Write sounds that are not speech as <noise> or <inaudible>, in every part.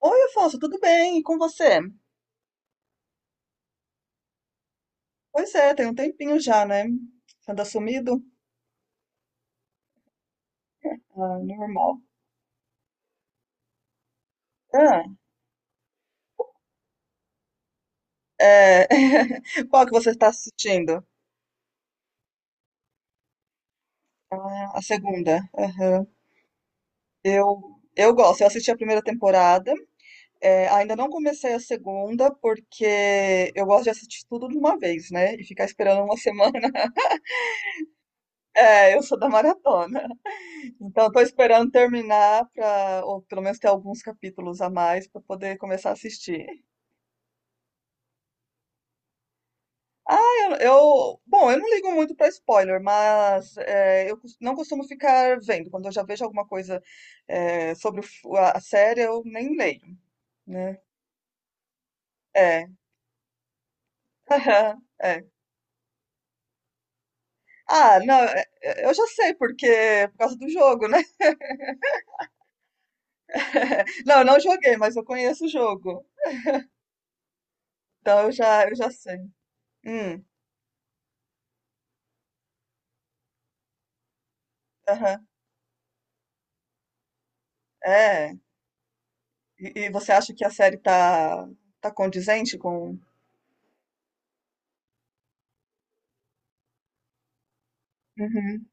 Oi, Afonso, tudo bem? E com você? Pois é, tem um tempinho já, né? Você anda sumido? Ah, normal. Ah, é, <laughs> qual que você está assistindo? Ah, a segunda. Aham. Eu gosto, eu assisti a primeira temporada. É, ainda não comecei a segunda, porque eu gosto de assistir tudo de uma vez, né? E ficar esperando uma <laughs> semana. É, eu sou da maratona. Então, eu tô esperando terminar, ou pelo menos ter alguns capítulos a mais para poder começar a assistir. Ah, bom, eu não ligo muito pra spoiler, mas é, não costumo ficar vendo. Quando eu já vejo alguma coisa sobre o f- a série, eu nem leio, né? É, <laughs> é. Ah, não, é, é, eu já sei porque por causa do jogo, né? <laughs> Não, eu não joguei, mas eu conheço o jogo, então eu já sei. Hum, aham, é. E você acha que a série tá condizente com? Uhum,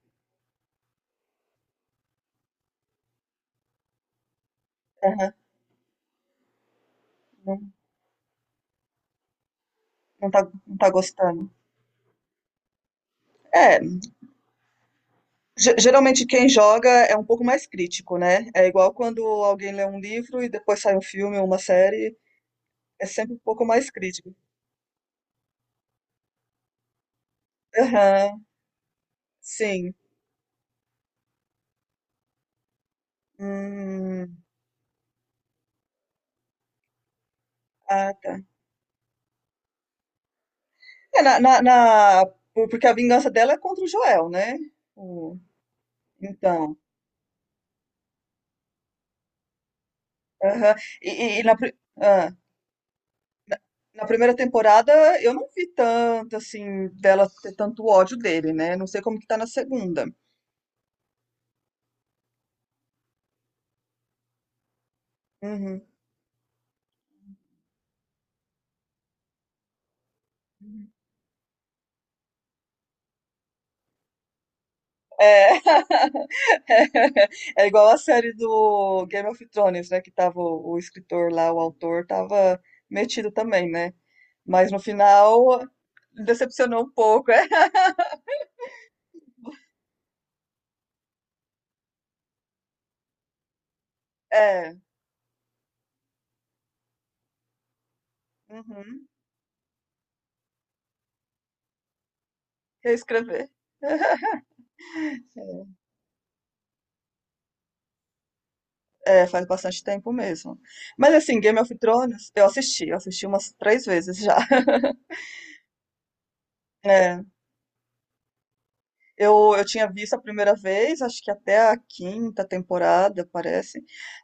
aham, não, não tá, não tá gostando? É. Geralmente quem joga é um pouco mais crítico, né? É igual quando alguém lê um livro e depois sai um filme ou uma série, é sempre um pouco mais crítico. Aham, sim. Hum, ah, tá. É, porque a vingança dela é contra o Joel, né? O- então aham. E ah, na, na primeira temporada eu não vi tanto, assim, dela ter tanto ódio dele, né? Não sei como que tá na segunda. Uhum. É, <laughs> é igual a série do Game of Thrones, né? Que tava o escritor lá, o autor, tava metido também, né? Mas no final decepcionou um pouco. <laughs> É, é, uhum, reescrever. <laughs> É, faz bastante tempo mesmo. Mas assim, Game of Thrones, eu assisti umas três vezes já. <laughs> É, eu tinha visto a primeira vez, acho que até a quinta temporada, parece.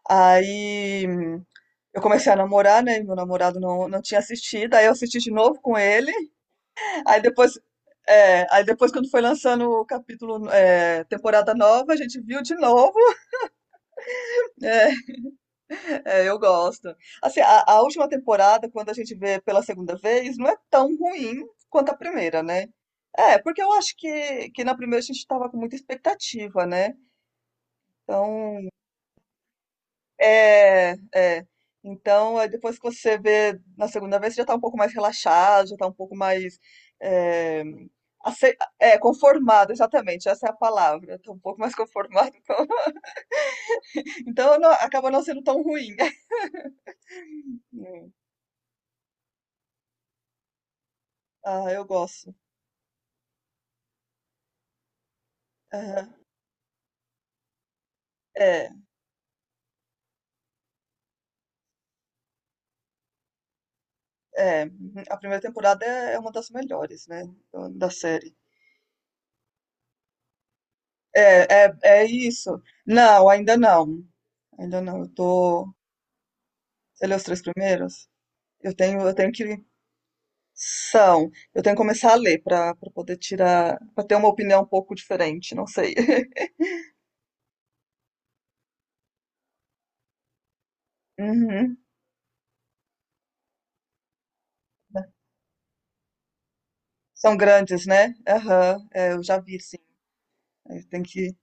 Aí eu comecei a namorar, né? E meu namorado não tinha assistido, aí eu assisti de novo com ele. Aí depois, quando foi lançando o capítulo, temporada nova, a gente viu de novo. É, é, eu gosto. Assim, a última temporada, quando a gente vê pela segunda vez, não é tão ruim quanto a primeira, né? É, porque eu acho que na primeira a gente estava com muita expectativa, né? Então, é, é. Então, aí depois que você vê na segunda vez, você já tá um pouco mais relaxado, já tá um pouco mais é, conformado, exatamente, essa é a palavra. Tá um pouco mais conformado, então, <laughs> então acaba não sendo tão ruim. <laughs> Hum. Ah, eu gosto. Aham. É, é, uhum. A primeira temporada é uma das melhores, né, da série. É, é, é isso. Não, ainda não. Ainda não. Eu tô. Você leu os três primeiros? Eu tenho que São. Eu tenho que começar a ler para para poder tirar, para ter uma opinião um pouco diferente, não sei. <laughs> Uhum. São grandes, né? Aham, é, eu já vi, sim. É, tem que,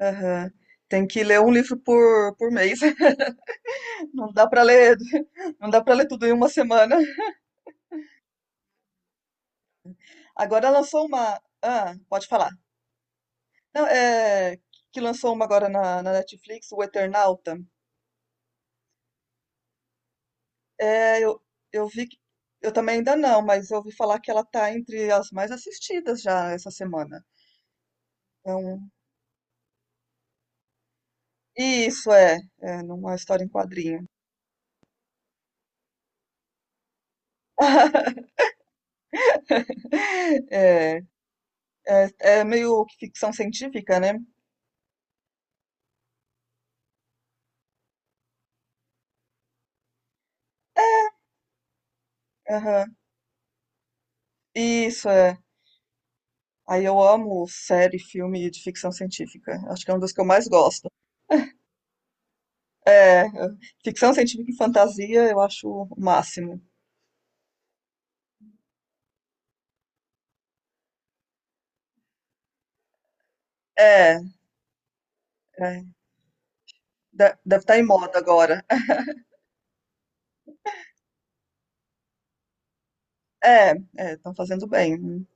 aham. Tem que ler um livro por mês. <laughs> Não dá para ler, <laughs> não dá para ler tudo em uma semana. Agora lançou uma, ah, pode falar. Não, é que lançou uma agora na, na Netflix, o Eternauta. É, eu vi, eu também ainda não, mas eu ouvi falar que ela tá entre as mais assistidas já essa semana. É um isso, é. É, numa história em quadrinho. <laughs> É, é, é meio que ficção científica, né. Aham. Isso, é. Aí eu amo série, filme de ficção científica. Acho que é uma das que eu mais gosto. É, ficção científica e fantasia eu acho o máximo. É, é. De deve estar em moda agora. <laughs> É, é, estão fazendo bem.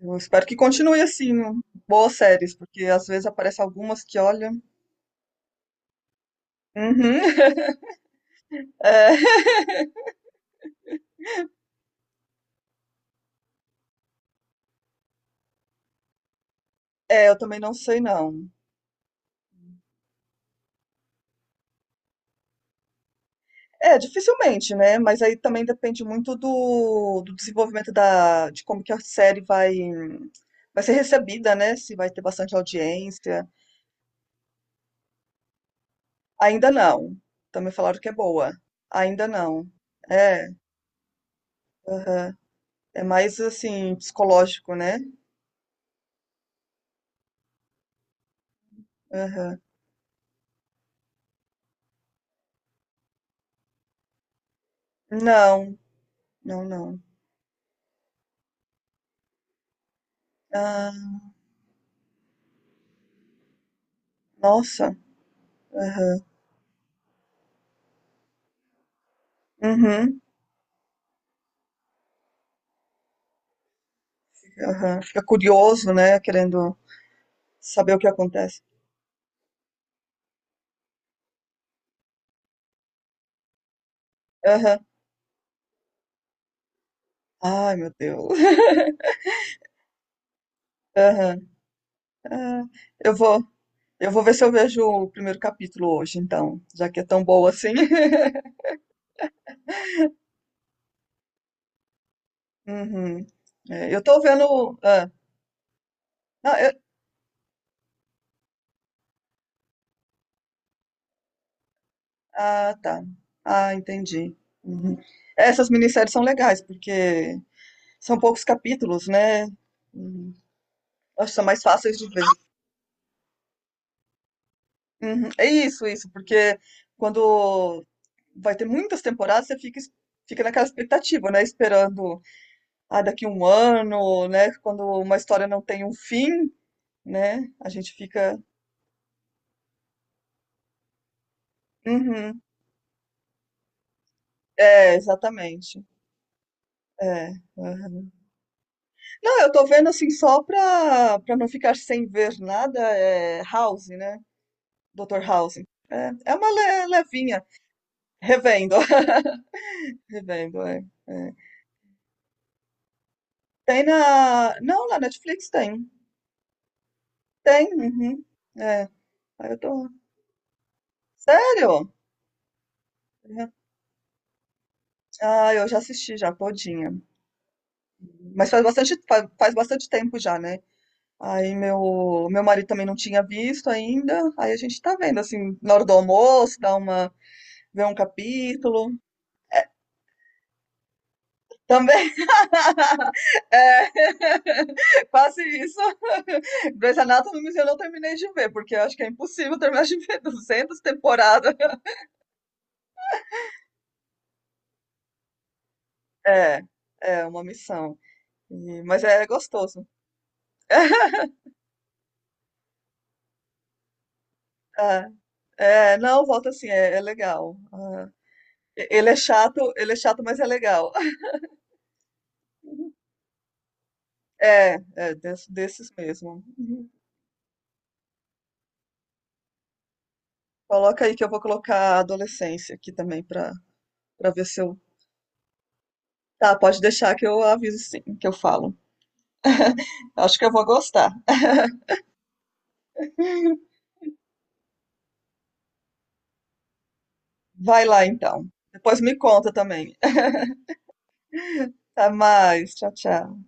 Eu espero que continue assim, boas séries, porque às vezes aparecem algumas que, olham. Uhum. <laughs> É. É, eu também não sei não. É, dificilmente, né, mas aí também depende muito do desenvolvimento da de como que a série vai ser recebida, né, se vai ter bastante audiência. Ainda não, também falaram que é boa. Ainda não. É, aham. É mais, assim, psicológico, né. Aham. Não, não, não. Ah, nossa. Aham. Uhum. Aham. Fica curioso, né, querendo saber o que acontece. Aham. Ai, meu Deus. <laughs> Aham. Ah, eu vou, eu vou ver se eu vejo o primeiro capítulo hoje, então, já que é tão boa assim. <laughs> Uhum. É, eu tô vendo. Ah, não, ah, tá. Ah, entendi. Uhum. É, essas minisséries são legais, porque são poucos capítulos, né? Uhum. Acho que são mais fáceis de ver. Uhum. É isso, isso, porque quando vai ter muitas temporadas, você fica, fica naquela expectativa, né? Esperando, ah, daqui um ano, né? Quando uma história não tem um fim, né? A gente fica. Uhum. É, exatamente. É. Aham. Não, eu tô vendo assim só pra não ficar sem ver nada, é House, né? Dr. House. É, é uma levinha. Revendo. <laughs> Revendo, é, é. Tem na. Não, na Netflix tem. Tem, uhum. É. Aí eu tô. Sério? É. Ah, eu já assisti já, todinha. Mas faz bastante tempo já, né? Aí meu marido também não tinha visto ainda. Aí a gente tá vendo assim, na hora do almoço, dá uma, vê um capítulo. Também <laughs> é, <laughs> quase isso. <laughs> Grey's Anatomy eu não terminei de ver, porque eu acho que é impossível terminar de ver 200 temporadas. É, é uma missão. Mas é gostoso. <laughs> É, é, não, volta assim, é, é legal. Ah, ele é chato, mas é legal. É, é desses mesmo. Uhum. Coloca aí que eu vou colocar a adolescência aqui também pra para ver se eu. Tá, pode deixar que eu aviso sim, que eu falo. Acho que eu vou gostar. <laughs> Vai lá então. Depois me conta também. <laughs> Até mais. Tchau, tchau.